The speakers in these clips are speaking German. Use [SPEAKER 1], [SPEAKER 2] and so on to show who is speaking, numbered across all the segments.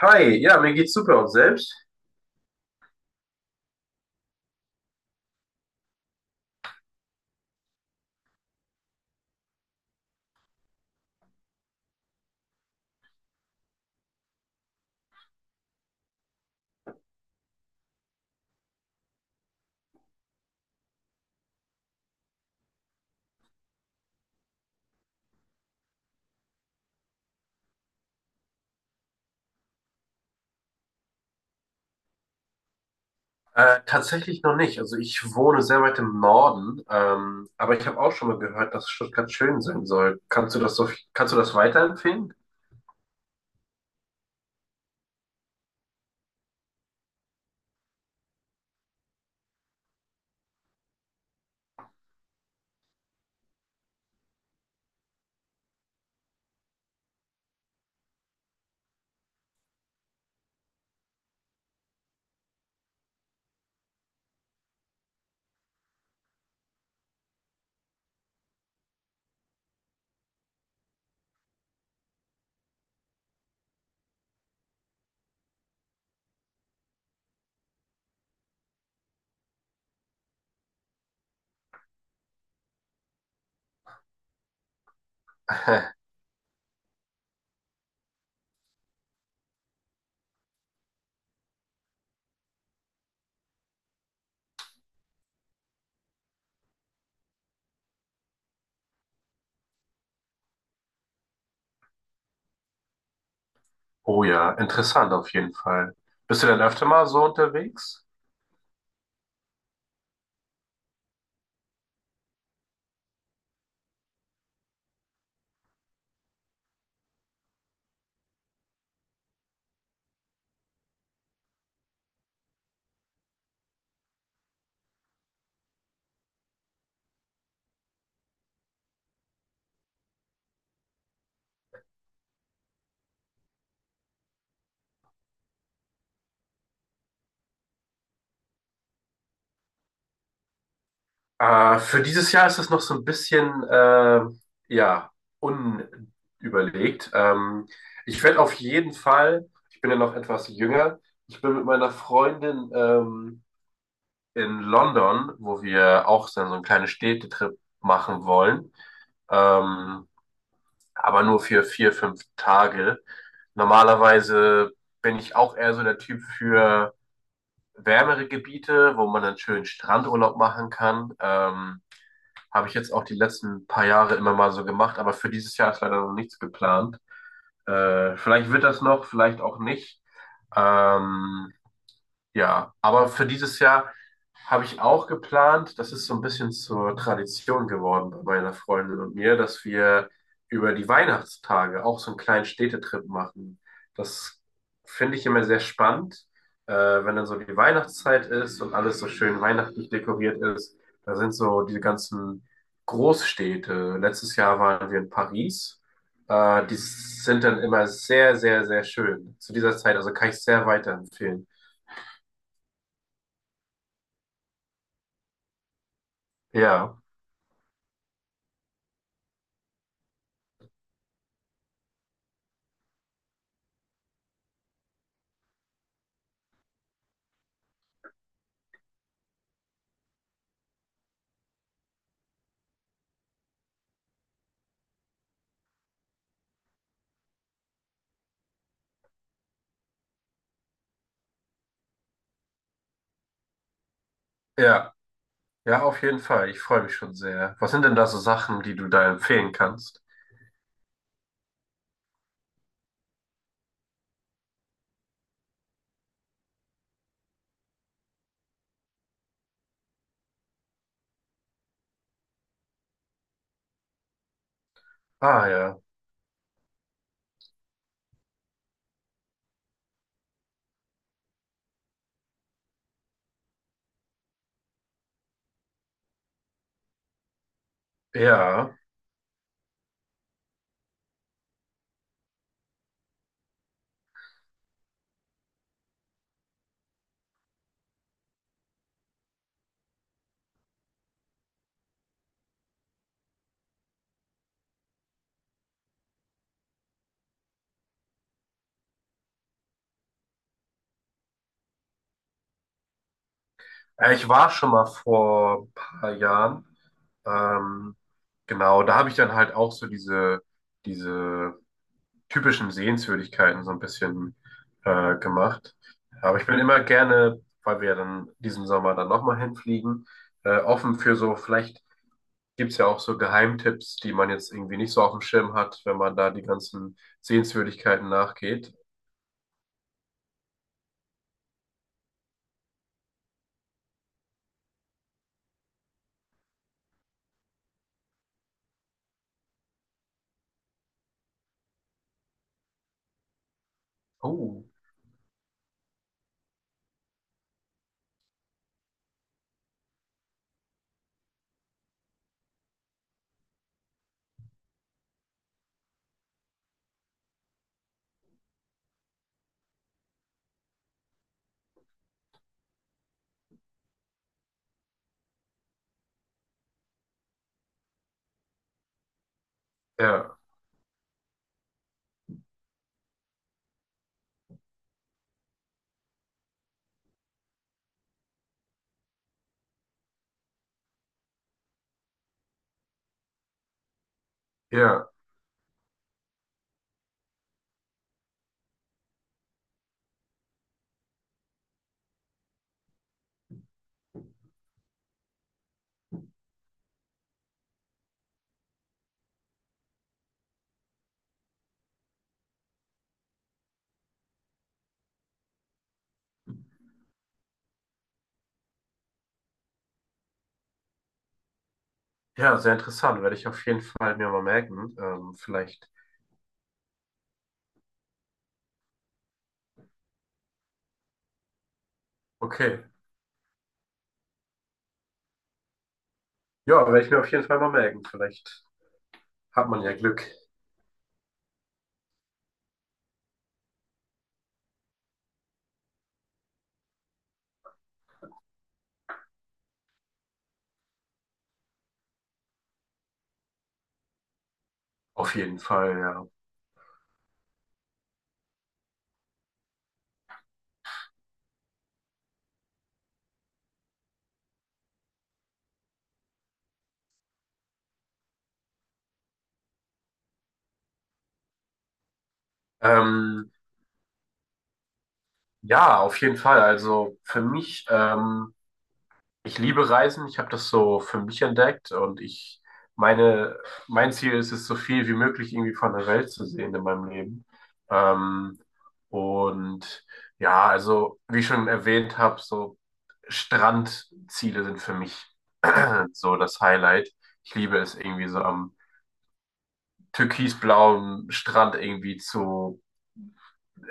[SPEAKER 1] Hi, ja, mir geht's super und selbst? Tatsächlich noch nicht. Also ich wohne sehr weit im Norden, aber ich habe auch schon mal gehört, dass Stuttgart schön sein soll. Kannst du das kannst du das weiterempfehlen? Oh ja, interessant auf jeden Fall. Bist du denn öfter mal so unterwegs? Für dieses Jahr ist es noch so ein bisschen, ja, unüberlegt. Ich werde auf jeden Fall, ich bin ja noch etwas jünger, ich bin mit meiner Freundin in London, wo wir auch so einen kleinen Städtetrip machen wollen, ähm, aber nur für vier, fünf Tage. Normalerweise bin ich auch eher so der Typ für wärmere Gebiete, wo man dann schön Strandurlaub machen kann. Habe ich jetzt auch die letzten paar Jahre immer mal so gemacht, aber für dieses Jahr ist leider noch nichts geplant. Vielleicht wird das noch, vielleicht auch nicht. Ähm, ja, aber für dieses Jahr habe ich auch geplant, das ist so ein bisschen zur Tradition geworden bei meiner Freundin und mir, dass wir über die Weihnachtstage auch so einen kleinen Städtetrip machen. Das finde ich immer sehr spannend, wenn dann so die Weihnachtszeit ist und alles so schön weihnachtlich dekoriert ist. Da sind so diese ganzen Großstädte. Letztes Jahr waren wir in Paris. Die sind dann immer sehr, sehr, sehr schön zu dieser Zeit. Also kann ich sehr weiterempfehlen. Ja. Ja, ja, auf jeden Fall. Ich freue mich schon sehr. Was sind denn da so Sachen, die du da empfehlen kannst? Ah ja, ja. Ich war schon mal vor ein paar Jahren. Ähm, genau, da habe ich dann halt auch so diese typischen Sehenswürdigkeiten so ein bisschen gemacht. Aber ich bin immer gerne, weil wir dann diesen Sommer dann nochmal hinfliegen, offen für so vielleicht gibt es ja auch so Geheimtipps, die man jetzt irgendwie nicht so auf dem Schirm hat, wenn man da die ganzen Sehenswürdigkeiten nachgeht. Oh, ja, ja, ja, sehr interessant. Werde ich auf jeden Fall mir mal merken. Vielleicht. Okay. Ja, werde ich mir auf jeden Fall mal merken. Vielleicht hat man ja Glück. Auf jeden Fall, ja. Ähm, ja, auf jeden Fall. Also für mich ich liebe Reisen, ich habe das so für mich entdeckt und ich meine, mein Ziel ist es, so viel wie möglich irgendwie von der Welt zu sehen in meinem Leben. Ähm, und ja, also wie ich schon erwähnt habe, so Strandziele sind für mich so das Highlight. Ich liebe es irgendwie so am türkisblauen Strand irgendwie zu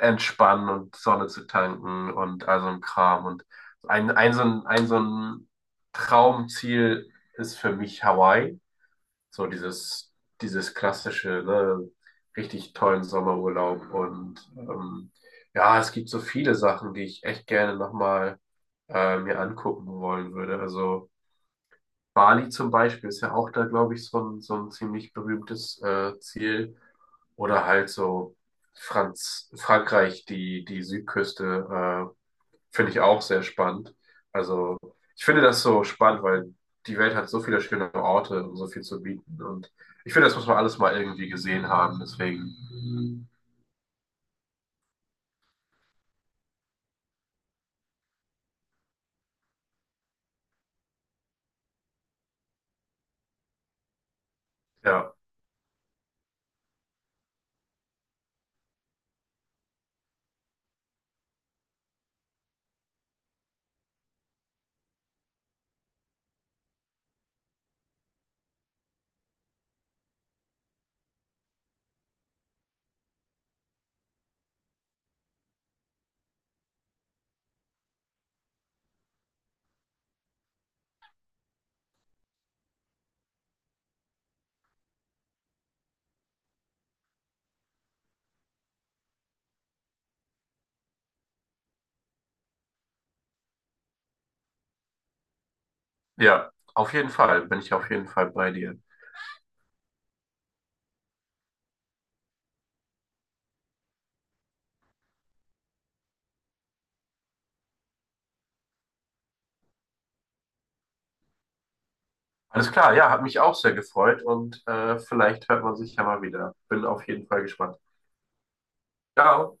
[SPEAKER 1] entspannen und Sonne zu tanken und all so ein Kram. Und ein, so ein so ein Traumziel ist für mich Hawaii. So dieses klassische, ne, richtig tollen Sommerurlaub. Und ja, es gibt so viele Sachen, die ich echt gerne nochmal mir angucken wollen würde. Also Bali zum Beispiel ist ja auch da, glaube ich, so ein ziemlich berühmtes Ziel. Oder halt so Frankreich, die Südküste, finde ich auch sehr spannend. Also ich finde das so spannend, weil die Welt hat so viele schöne Orte und so viel zu bieten. Und ich finde, das muss man alles mal irgendwie gesehen haben. Deswegen, ja, ja, auf jeden Fall, bin ich auf jeden Fall bei dir. Alles klar, ja, hat mich auch sehr gefreut und vielleicht hört man sich ja mal wieder. Bin auf jeden Fall gespannt. Ciao.